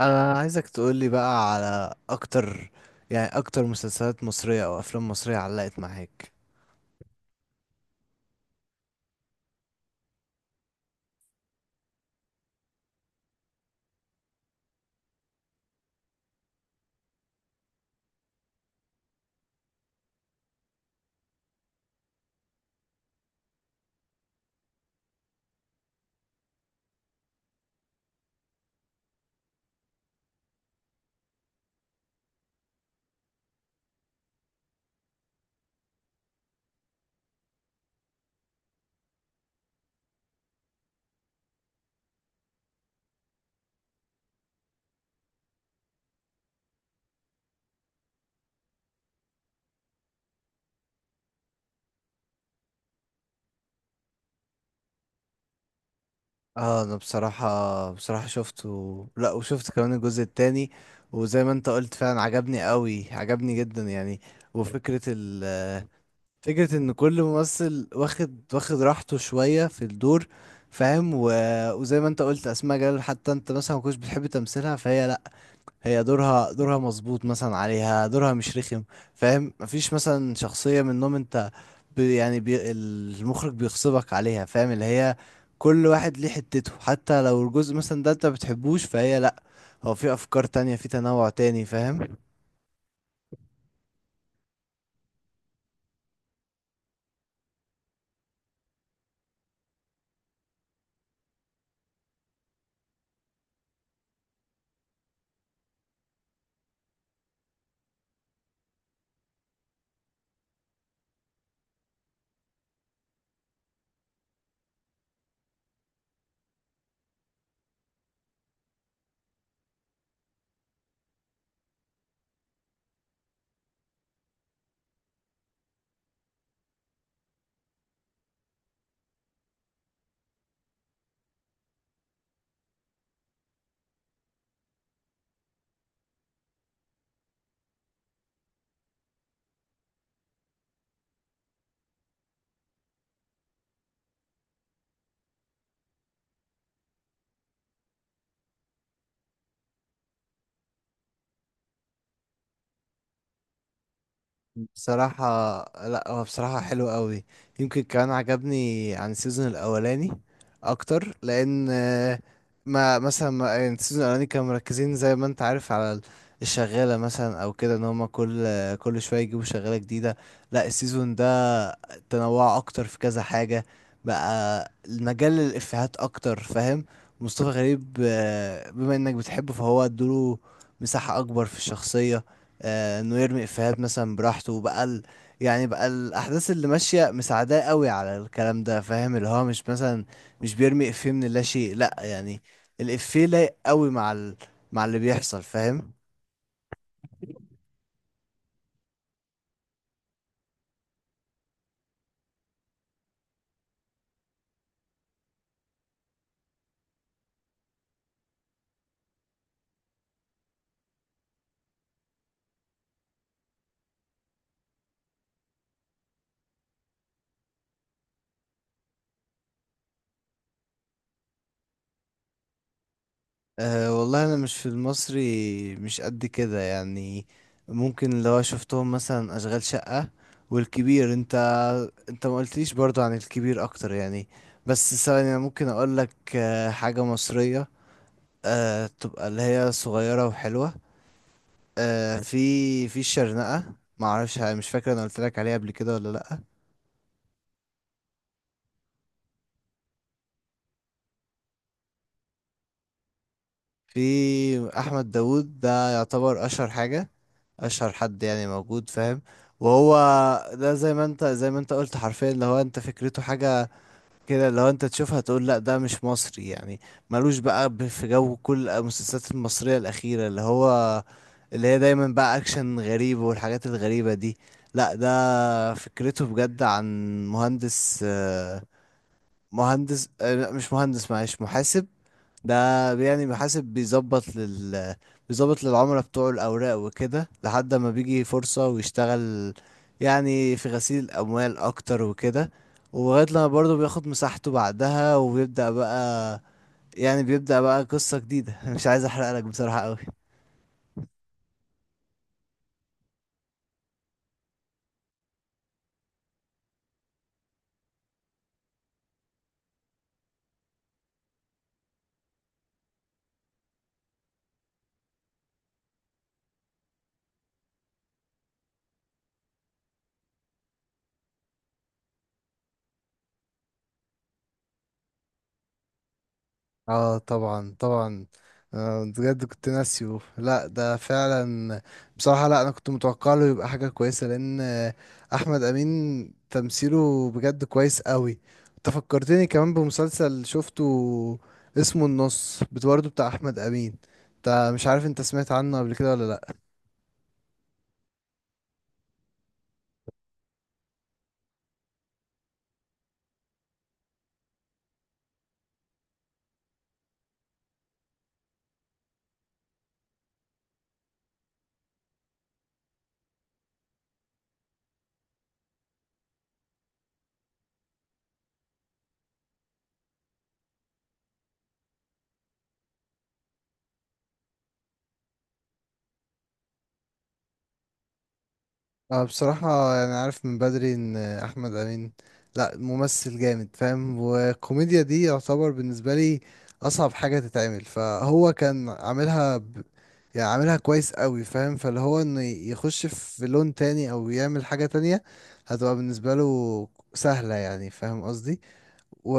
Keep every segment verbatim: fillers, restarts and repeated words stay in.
انا عايزك تقولي بقى على اكتر، يعني اكتر مسلسلات مصرية او افلام مصرية علقت معاك. اه، انا بصراحة بصراحة شفته، لا وشفت كمان الجزء التاني. وزي ما انت قلت فعلا، عجبني قوي، عجبني جدا يعني. وفكرة ال فكرة ان كل ممثل واخد واخد راحته شوية في الدور، فاهم و... وزي ما انت قلت، اسماء جلال حتى انت مثلا ما كنتش بتحب تمثيلها، فهي، لا، هي دورها دورها مظبوط، مثلا عليها دورها مش رخم، فاهم. مفيش مثلا شخصية منهم، انت بي يعني بي المخرج بيغصبك عليها، فاهم اللي هي. كل واحد ليه حتته، حتى لو الجزء مثلا ده انت بتحبوش، فهي، لا، هو في افكار تانية، في تنوع تاني، فاهم. بصراحة، لا، هو بصراحة حلو قوي. يمكن كمان عجبني عن السيزون الأولاني أكتر لأن آه، ما مثلا ما يعني السيزون الأولاني كانوا مركزين زي ما أنت عارف على ال- الشغالة مثلا أو كده، إن هما كل آه، كل شوية يجيبوا شغالة جديدة. لا، السيزون ده تنوع أكتر في كذا حاجة، بقى المجال للإفيهات أكتر، فاهم. مصطفى غريب آه، بما إنك بتحبه، فهو ادوله مساحة أكبر في الشخصية. آه، انه يرمي افيهات مثلا براحته بقى ال... يعني بقى الاحداث اللي ماشيه مساعداه قوي على الكلام ده، فاهم اللي هو مش مثلا مش بيرمي افيه من لا شيء، لا يعني. الافيه لايق قوي مع ال... مع اللي بيحصل، فاهم. أه والله، انا مش في المصري، مش قد كده يعني. ممكن لو شفتهم مثلا اشغال شقه والكبير. انت انت ما قلتليش برضو عن الكبير اكتر يعني، بس ثواني، انا ممكن اقول لك آه، حاجه مصريه، آه تبقى اللي هي صغيرة وحلوة. آه في في الشرنقة، معرفش، مش فاكر انا قلت لك عليها قبل كده ولا لأ. في أحمد داوود، ده يعتبر أشهر حاجة، أشهر حد يعني موجود، فاهم. وهو ده زي ما انت زي ما انت قلت حرفيا، اللي هو انت فكرته حاجة كده لو انت تشوفها تقول لا ده مش مصري يعني، ملوش بقى ب- في جو كل المسلسلات المصرية الأخيرة، اللي هو اللي هي دايما بقى أكشن غريب والحاجات الغريبة دي. لا، ده فكرته بجد عن مهندس، آه، مهندس، آه، لا مش مهندس، معلش، محاسب. ده، يعني محاسب بيظبط لل بيظبط للعملاء بتوعه الأوراق وكده، لحد ما بيجي فرصة ويشتغل، يعني في غسيل الأموال أكتر وكده. ولغاية لما برضه بياخد مساحته بعدها، وبيبدأ بقى يعني بيبدأ بقى قصة جديدة مش عايز أحرقلك بصراحة أوي. اه، طبعا طبعا، آه، بجد كنت ناسيه، لا ده فعلا. بصراحة، لا، انا كنت متوقع له يبقى حاجة كويسة لان آه، احمد امين تمثيله بجد كويس قوي. انت فكرتني كمان بمسلسل شفته اسمه النص، بت- برضه بتاع احمد امين. انت مش عارف، انت سمعت عنه قبل كده ولا لا؟ أنا بصراحة، يعني عارف من بدري إن أحمد أمين، لأ ممثل جامد، فاهم، والكوميديا دي يعتبر بالنسبة لي أصعب حاجة تتعمل، فهو كان عاملها ب... يعني عاملها كويس قوي، فاهم، فاللي هو إنه يخش في لون تاني أو يعمل حاجة تانية هتبقى بالنسبة له سهلة يعني، فاهم قصدي، و...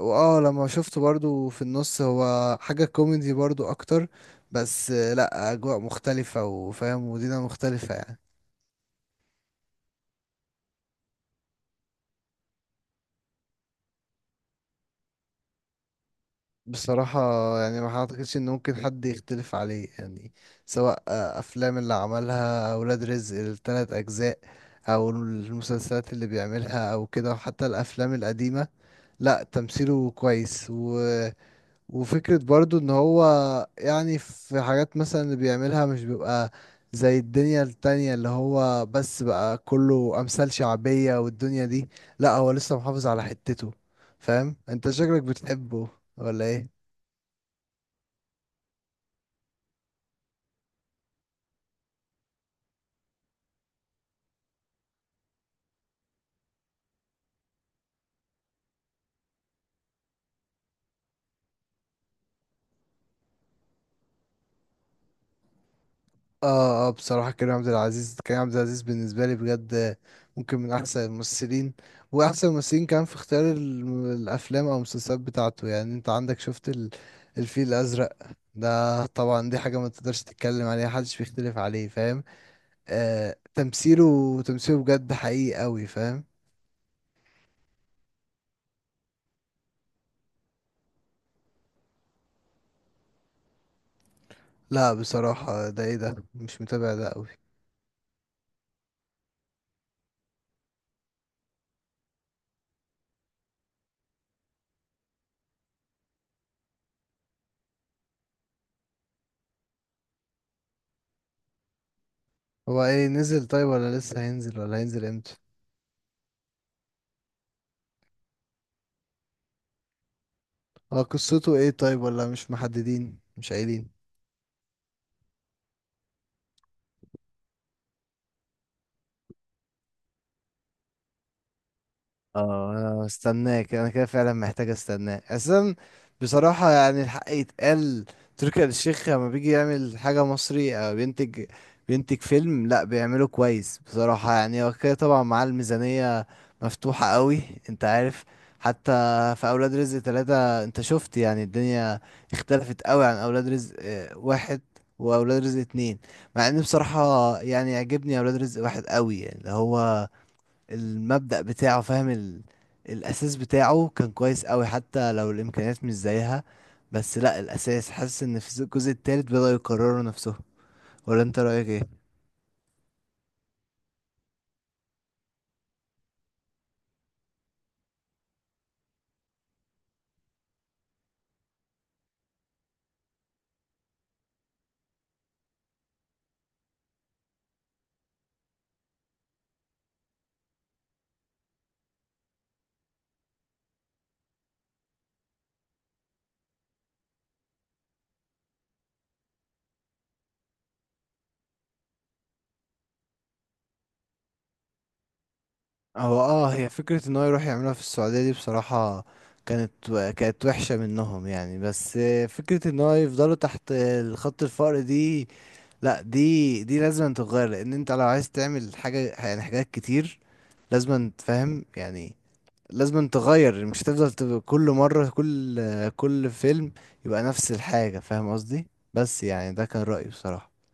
وآه لما شفته برضو في النص، هو حاجة كوميدي برضو أكتر، بس لأ، أجواء مختلفة، وفاهم، ودينا مختلفة يعني. بصراحة يعني، ما اعتقدش ان ممكن حد يختلف عليه يعني. سواء آه، افلام اللي عملها اولاد رزق الثلاث اجزاء، او المسلسلات اللي بيعملها او كده، وحتى الافلام القديمة، لا تمثيله كويس، و... وفكرة برضو ان هو، يعني في حاجات مثلا اللي بيعملها مش بيبقى زي الدنيا التانية اللي هو بس بقى كله امثال شعبية والدنيا دي. لا، هو لسه محافظ على حتته. فاهم؟ انت شكلك بتحبه ولا ايه؟ اه، اه، بصراحة كريم عبد العزيز، كريم عبد العزيز بالنسبة لي بجد ممكن من أحسن الممثلين، وأحسن الممثلين كان في اختيار الم- الأفلام أو المسلسلات بتاعته. يعني أنت عندك، شفت ال- الفيل الأزرق، ده طبعا دي حاجة ما تقدرش تتكلم عليها، محدش بيختلف عليه، فاهم. آه تمثيله تمثيله بجد حقيقي أوي، فاهم. لا بصراحة، ده ايه ده، مش متابع ده أوي. هو ايه، نزل طيب، ولا لسه هينزل، ولا هينزل امتى؟ هو قصته ايه طيب، ولا مش محددين، مش قايلين؟ اه، انا مستناك، انا كده فعلا محتاج استناك اصلا. بصراحة يعني، الحق يتقال. تركي آل الشيخ لما بيجي يعمل حاجة مصري، او بينتج بينتج فيلم، لا بيعمله كويس بصراحة يعني. هو كده طبعا، مع الميزانية مفتوحة قوي. انت عارف، حتى في اولاد رزق ثلاثة، انت شفت يعني الدنيا اختلفت قوي عن اولاد رزق آه، واحد، واولاد رزق اتنين. مع ان بصراحة يعني، يعجبني اولاد رزق واحد قوي يعني، اللي هو المبدأ بتاعه، فاهم ال... الأساس بتاعه كان كويس قوي، حتى لو الإمكانيات مش زيها. بس لا، الأساس حاسس إن في الجزء التالت بدأوا يكرروا نفسهم، ولا أنت رأيك إيه؟ هو اه هي فكرة إن هو يروح يعملها في السعودية، دي بصراحة كانت كانت وحشة منهم يعني، بس فكرة إن هو يفضلوا تحت خط الفقر دي، لا، دي دي لازم تتغير، لأن أنت لو عايز تعمل حاجة، يعني حاجات كتير، لازم تفهم يعني، لازم تغير، مش تفضل تبقى كل مرة، كل كل فيلم يبقى نفس الحاجة، فاهم قصدي. بس يعني ده كان رأيي بصراحة.